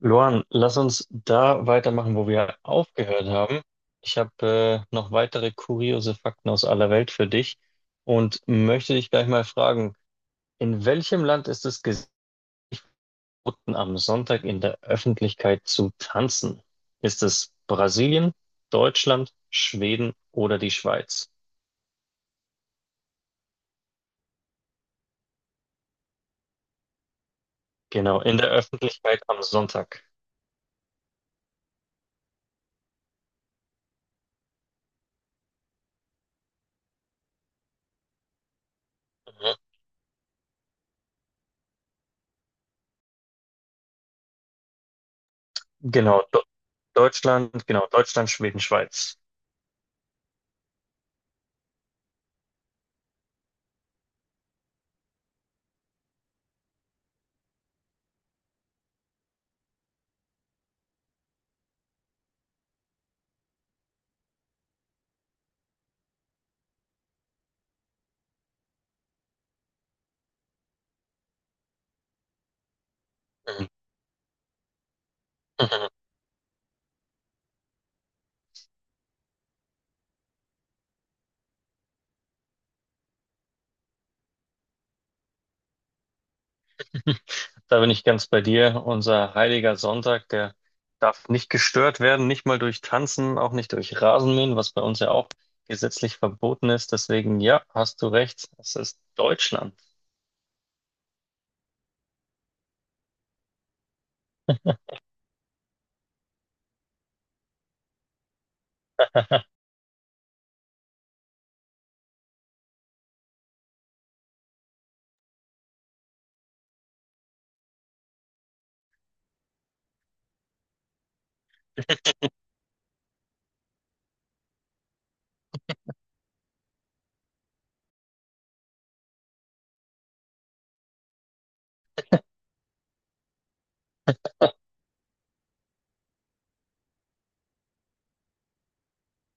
Luan, lass uns da weitermachen, wo wir aufgehört haben. Ich habe noch weitere kuriose Fakten aus aller Welt für dich und möchte dich gleich mal fragen, in welchem Land ist es geboten, am Sonntag in der Öffentlichkeit zu tanzen? Ist es Brasilien, Deutschland, Schweden oder die Schweiz? Genau, in der Öffentlichkeit am Sonntag. Mhm. Genau, Do Deutschland, genau, Deutschland, Schweden, Schweiz. Mhm. Mhm. Da bin ich ganz bei dir. Unser heiliger Sonntag, der darf nicht gestört werden, nicht mal durch Tanzen, auch nicht durch Rasenmähen, was bei uns ja auch gesetzlich verboten ist. Deswegen, ja, hast du recht, es ist Deutschland.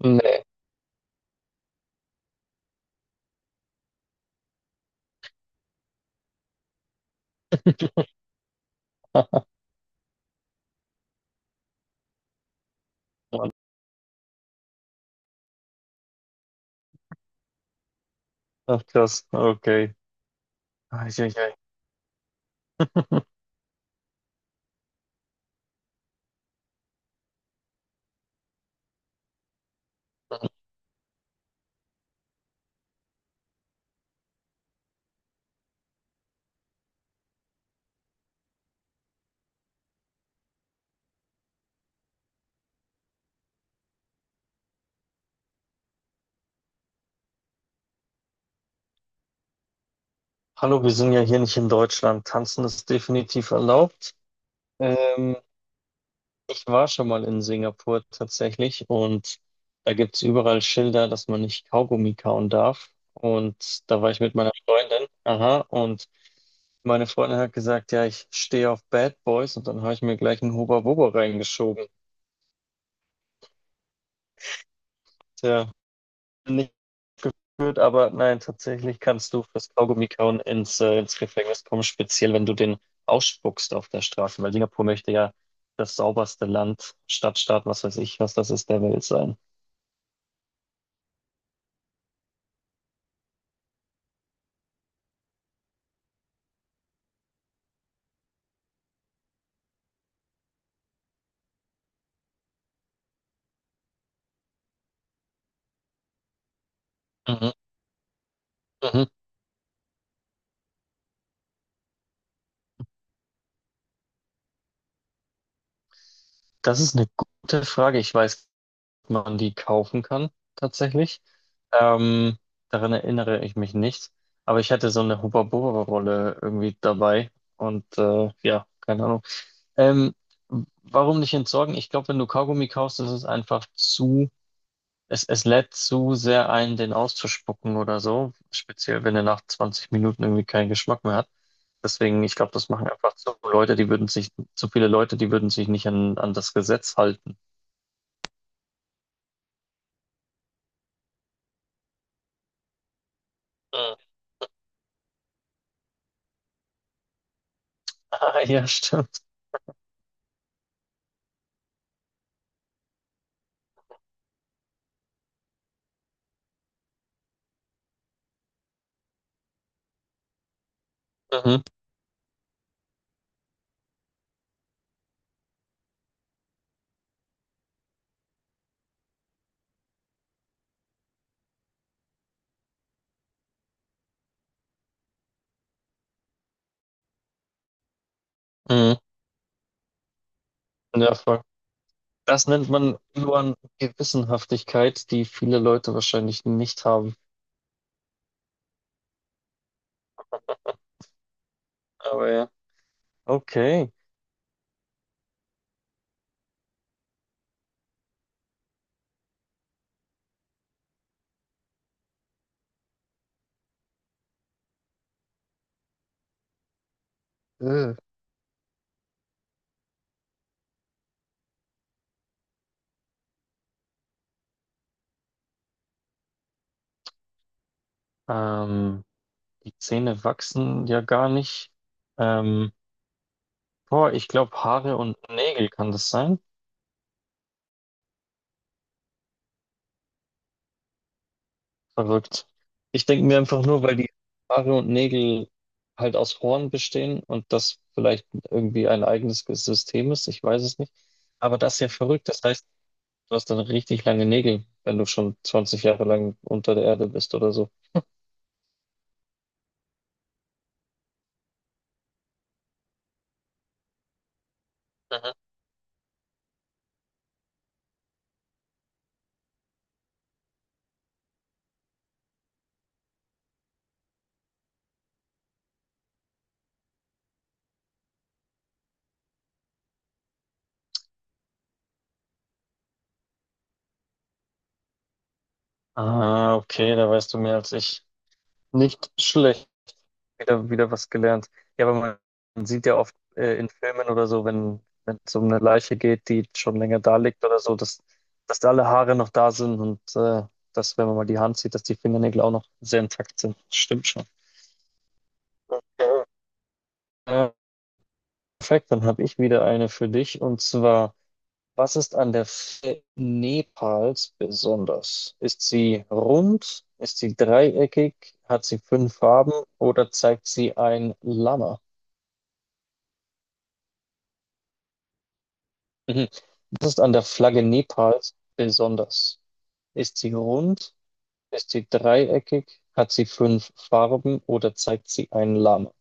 Nee. Ach, krass, okay. Eieiei. Hallo, wir sind ja hier nicht in Deutschland. Tanzen ist definitiv erlaubt. Ähm, Ich war schon mal in Singapur tatsächlich, und da gibt es überall Schilder, dass man nicht Kaugummi kauen darf. Und da war ich mit meiner Freundin. Aha, und meine Freundin hat gesagt, ja, ich stehe auf Bad Boys, und dann habe ich mir gleich einen Hubba Bubba reingeschoben. Tja, nicht gut, aber nein, tatsächlich kannst du fürs Kaugummi kauen ins, ins Gefängnis kommen, speziell wenn du den ausspuckst auf der Straße, weil Singapur möchte ja das sauberste Land, Stadtstaat, was weiß ich, was das ist, der Welt sein. Mhm. Mhm. Das ist eine gute Frage. Ich weiß, ob man die kaufen kann, tatsächlich. Ähm, daran erinnere ich mich nicht. Aber ich hatte so eine Hubba-Bubba-Rolle irgendwie dabei. Ja, keine Ahnung. Ähm, warum nicht entsorgen? Ich glaube, wenn du Kaugummi kaufst, ist es einfach zu, es lädt zu sehr ein, den auszuspucken oder so. Speziell, wenn er nach 20 Minuten irgendwie keinen Geschmack mehr hat. Deswegen, ich glaube, das machen einfach zu Leute, die würden sich, zu viele Leute, die würden sich nicht an das Gesetz halten. Mhm. Ah, ja, stimmt. Mhm. Mhm. Ja, voll. Das nennt man Luan Gewissenhaftigkeit, die viele Leute wahrscheinlich nicht haben. Aber ja. Okay. Äh. Ähm, die Zähne wachsen ja gar nicht. Ähm, boah, ich glaube Haare und Nägel kann das sein. Verrückt. Ich denke mir einfach nur, weil die Haare und Nägel halt aus Horn bestehen und das vielleicht irgendwie ein eigenes System ist. Ich weiß es nicht. Aber das ist ja verrückt. Das heißt, du hast dann richtig lange Nägel, wenn du schon 20 Jahre lang unter der Erde bist oder so. Mhm. Ah, okay, da weißt du mehr als ich. Nicht schlecht. Wieder was gelernt. Ja, aber man sieht ja oft in Filmen oder so, wenn, wenn es um eine Leiche geht, die schon länger da liegt oder so, dass, dass alle Haare noch da sind dass, wenn man mal die Hand sieht, dass die Fingernägel auch noch sehr intakt sind. Stimmt schon. Ja. Äh, perfekt, dann habe ich wieder eine für dich und zwar. Was ist an der Flagge Nepals besonders? Ist sie rund? Ist sie dreieckig? Hat sie fünf Farben oder zeigt sie ein Lama? Mhm. Was ist an der Flagge Nepals besonders? Ist sie rund? Ist sie dreieckig? Hat sie fünf Farben oder zeigt sie ein Lama?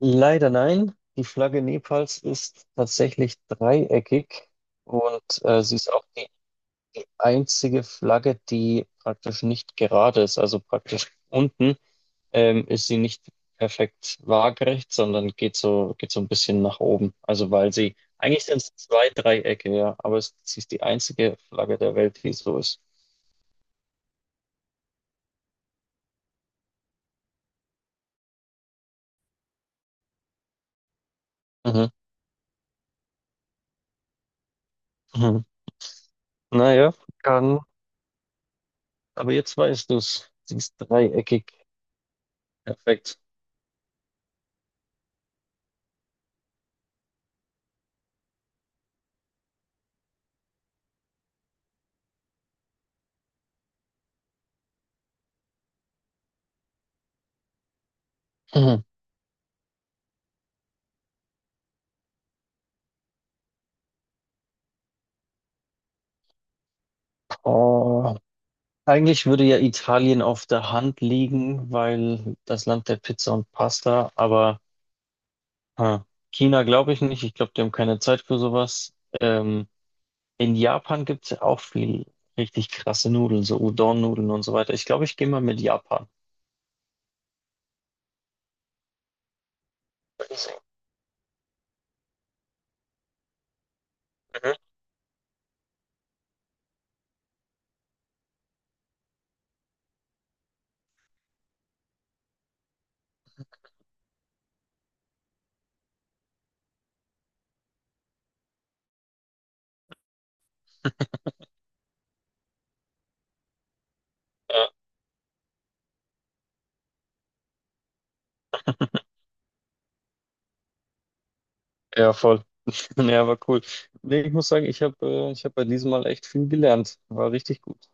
Leider nein. Die Flagge Nepals ist tatsächlich dreieckig, und sie ist auch die einzige Flagge, die praktisch nicht gerade ist. Also praktisch unten ist sie nicht perfekt waagerecht, sondern geht so ein bisschen nach oben. Also weil sie, eigentlich sind es zwei Dreiecke, ja, aber es, sie ist die einzige Flagge der Welt, die so ist. Mhm. Mhm. Naja, kann. Aber jetzt weißt du es. Sie ist dreieckig. Perfekt. Mhm. Oh. Eigentlich würde ja Italien auf der Hand liegen, weil das Land der Pizza und Pasta, aber Ah. China glaube ich nicht. Ich glaube, die haben keine Zeit für sowas. Ähm, in Japan gibt es ja auch viel richtig krasse Nudeln, so Udon-Nudeln und so weiter. Ich glaube, ich gehe mal mit Japan. Mhm. Ja, ja, voll. Ja, war cool. Nee, ich muss sagen, ich habe ich hab bei diesem Mal echt viel gelernt. War richtig gut.